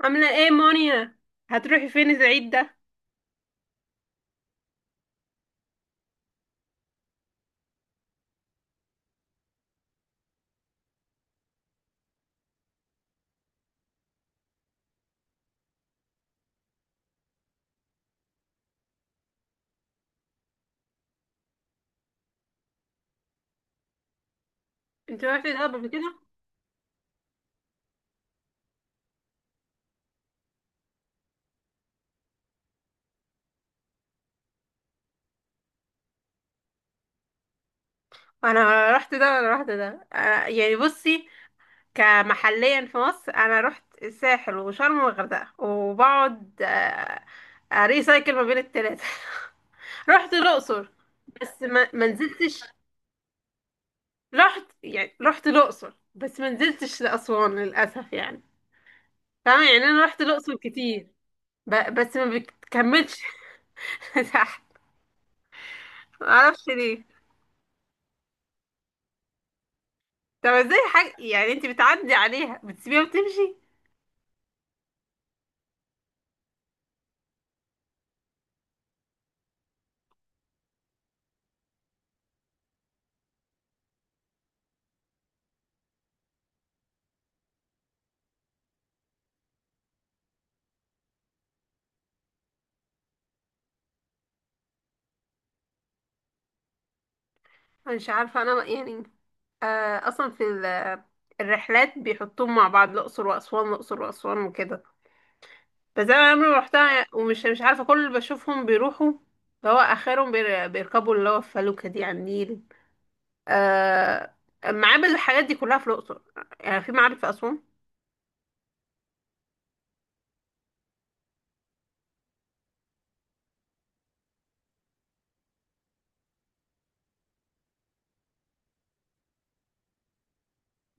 عاملة ايه مونيا؟ هتروحي فين العيد ده؟ انت رحتي دهب قبل كده؟ انا رحت ده انا رحت ده أنا يعني، بصي، كمحليا في مصر، انا رحت الساحل وشرم والغردقة، وبقعد اريسايكل ما بين التلاتة. رحت الاقصر بس ما نزلتش. رحت الاقصر بس ما نزلتش لاسوان للاسف يعني، فاهمة؟ يعني انا رحت الاقصر كتير، بس ما بكملش. تحت. ما اعرفش ليه. طب ازاي حاجة يعني انت بتعدي عليها بتسيبيها وتمشي؟ أنا مش عارفة، انا يعني اصلا في الرحلات بيحطوهم مع بعض، الاقصر واسوان الاقصر واسوان وكده، بس انا عمري ما رحتها، ومش مش عارفة. كل اللي بشوفهم بيروحوا اللي هو اخرهم بيركبوا اللي هو الفلوكة دي على النيل. آه معابد، الحاجات دي كلها في الاقصر، يعني في معابد في اسوان؟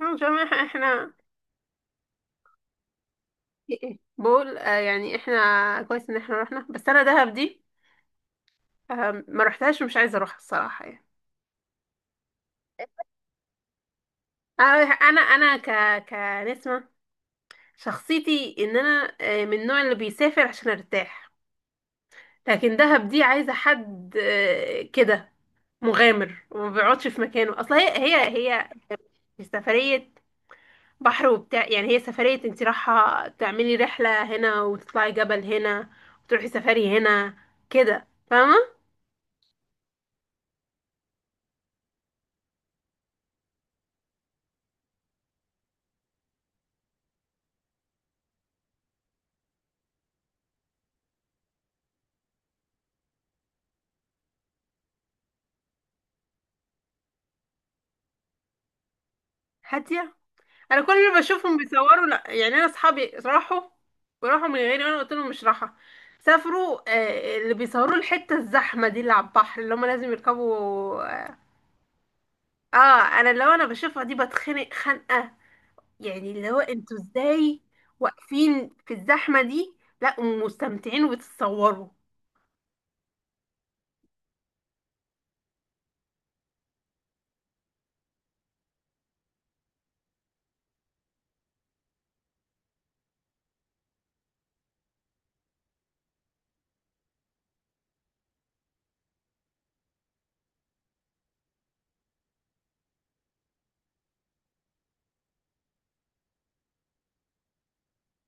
أنا مش عارفة، إيه، إيه، بقول يعني احنا كويس ان احنا رحنا، بس انا دهب دي ما رحتهاش ومش عايزة اروحها الصراحة يعني. انا كنسمة، شخصيتي ان انا من النوع اللي بيسافر عشان ارتاح. لكن دهب دي عايزة حد كده مغامر، وما بيقعدش في مكانه. اصل هي في سفرية بحر وبتاع، يعني هي سفرية انت رايحة تعملي رحلة هنا، وتطلعي جبل هنا، وتروحي سفاري هنا كده، فاهمة؟ هادية. انا كل اللي بشوفهم بيصوروا، لا يعني انا اصحابي راحوا، وراحوا من غيري وانا قلت لهم مش راحة. سافروا، اللي بيصوروا الحتة الزحمة دي اللي على البحر اللي هم لازم يركبوا. اه. انا اللي هو انا بشوفها دي بتخنق خنقة، يعني اللي هو انتوا ازاي واقفين في الزحمة دي، لا ومستمتعين وبتتصوروا.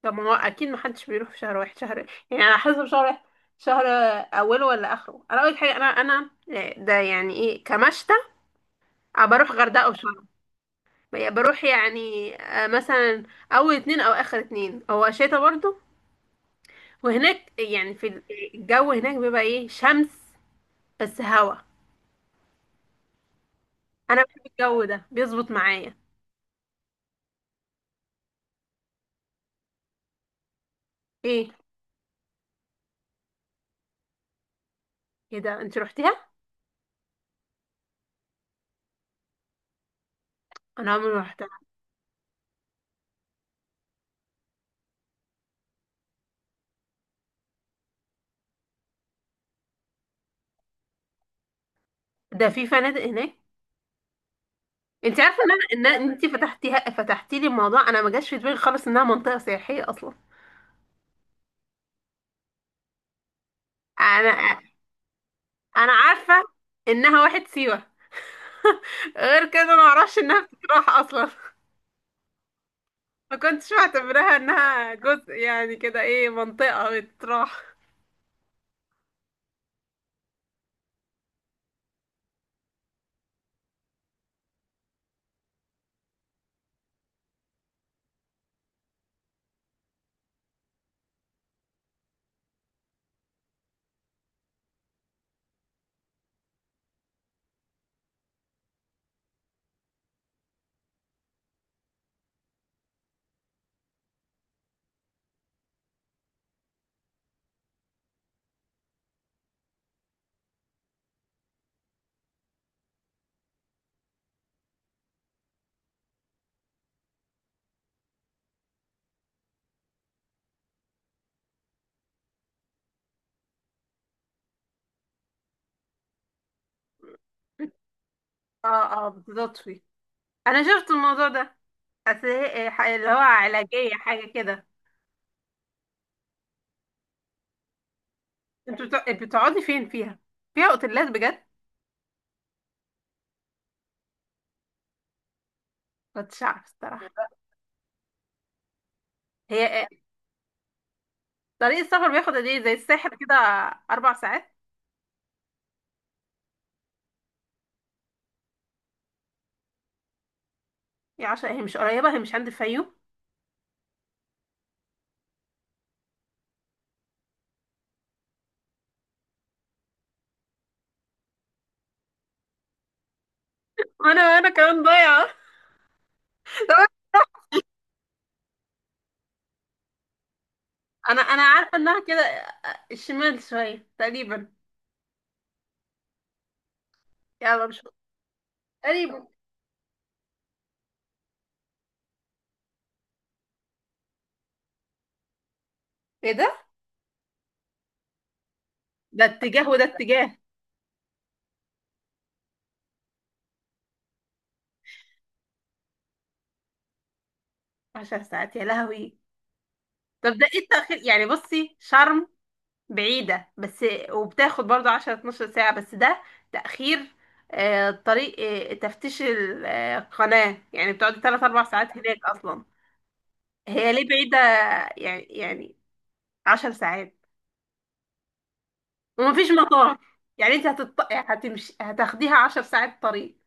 طب ما هو اكيد محدش بيروح في شهر واحد، شهر يعني على حسب، شهر واحد شهر، اوله ولا اخره. انا اول حاجة، انا ده يعني ايه، كمشتى، أه بروح غردقة وشرم. بروح يعني مثلا اول اتنين او اخر اتنين، هو شتا برضو. وهناك يعني في، الجو هناك بيبقى ايه، شمس بس هوا. انا بحب الجو ده، بيظبط معايا. ايه؟ ايه ده، انت روحتيها؟ انا عمري ما روحتها. ده في فنادق هناك؟ انت عارفه ان انا ان إن انت فتحتي لي الموضوع، انا ما جاش في دماغي خالص انها منطقه سياحيه اصلا. انا انا عارفه انها واحد سيوه. غير كده ما اعرفش انها بتروح اصلا، ما كنتش معتبرها انها جزء، يعني كده ايه، منطقة بتروح. اه. اه بتطفي. انا شفت الموضوع ده. اللي هو علاجية، حاجة كده. انتوا بتقعدي فين فيها؟ فيها اوتيلات بجد؟ كنتش عارف الصراحة. هي طريق السفر بياخد قد ايه؟ زي الساحل كده؟ 4 ساعات؟ يا عشان هي مش قريبة، هي مش عند الفيوم؟ انا كمان ضايعة. طب، انا عارفة انها كده الشمال شوية، تقريبا. يلا مش تقريبا. ايه ده، ده اتجاه وده اتجاه. 10 ساعات، يا لهوي. طب ده ايه التأخير يعني، بصي شرم بعيدة، بس وبتاخد برضو 10 12 ساعة، بس ده تأخير، طريق تفتيش القناة، يعني بتقعدي 3 4 ساعات هناك أصلا. هي ليه بعيدة؟ يعني 10 ساعات، ومفيش مطار؟ يعني انت هتمشي، هتاخديها 10 ساعات طريق؟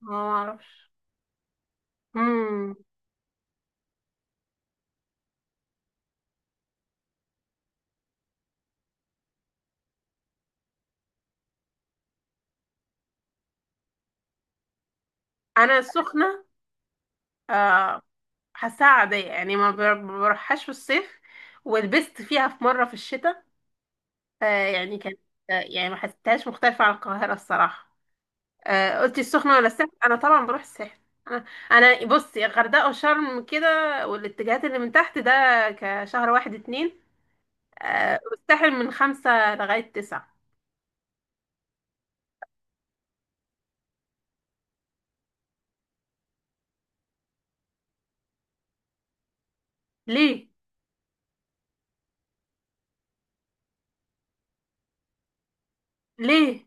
ما اعرفش. مم. انا السخنة، آه. حاساها عادية، يعني ما بروحهاش في الصيف، ولبست فيها في مرة في الشتاء. آه يعني كانت، يعني ما حسيتهاش مختلفة عن القاهرة الصراحة. قلتي السخنة ولا الساحل، أنا طبعا بروح الساحل. أنا أنا بصي الغردقة وشرم كده، والاتجاهات اللي من تحت ده، كشهر واحد اتنين، والساحل من 5 لغاية 9. ليه؟ ليه؟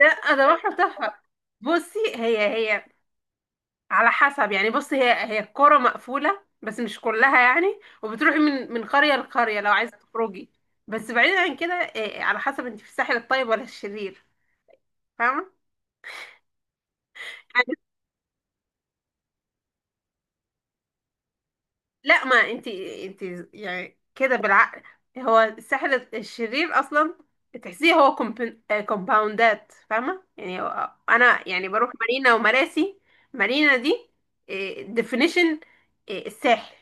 لا، أنا بروح تحفة. بصي هي على حسب، يعني بص هي الكرة مقفولة، بس مش كلها يعني، وبتروحي من قرية لقرية لو عايزة تخرجي. بس بعيدا عن كده، على حسب انت في الساحل الطيب ولا الشرير، فاهمة؟ لا، ما انت يعني كده بالعقل، هو الساحل الشرير اصلا تحسيه هو كومباوندات، فاهمه؟ يعني انا يعني بروح مارينا ومراسي. مارينا دي ديفينيشن الساحل،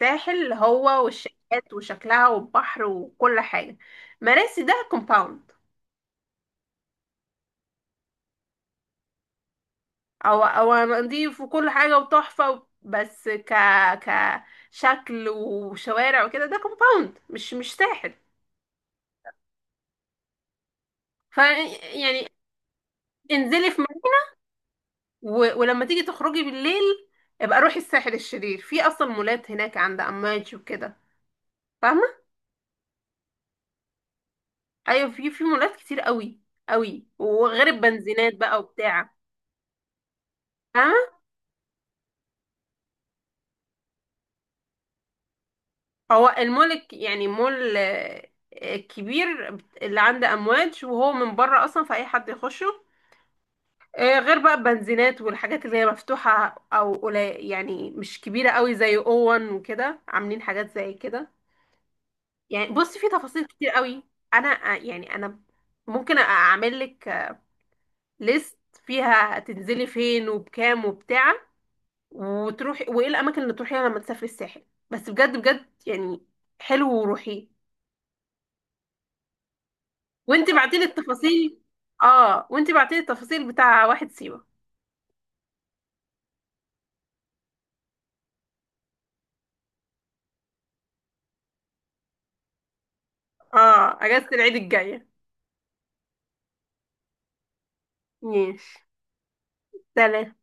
ساحل هو، والشقات وشكلها والبحر وكل حاجه. مراسي ده كومباوند، او نضيف وكل حاجه وتحفه، بس كشكل وشوارع وكده، ده كومباوند، مش ساحل. ف يعني انزلي في مول. ولما تيجي تخرجي بالليل، ابقى روحي الساحل الشرير، في اصلا مولات هناك عند اماج وكده، فاهمه؟ ايوه، في مولات كتير قوي قوي، وغير البنزينات بقى وبتاع، فاهمه؟ هو المول يعني مول كبير، اللي عند امواج، وهو من بره اصلا فاي حد يخشه، غير بقى البنزينات والحاجات اللي هي مفتوحه او قليل يعني مش كبيره قوي، زي اوون وكده عاملين حاجات زي كده. يعني بص في تفاصيل كتير قوي. انا آه، يعني انا ممكن اعمل لك ليست، فيها تنزلي فين وبكام وبتاع، وتروحي وايه الاماكن اللي تروحيها لما تسافري الساحل، بس بجد بجد يعني، حلو وروحيه. وانت بعتي لي التفاصيل اه وانت بعتي لي التفاصيل بتاع واحد سيوة. اه، اجازة العيد الجاية. ماشي. سلام.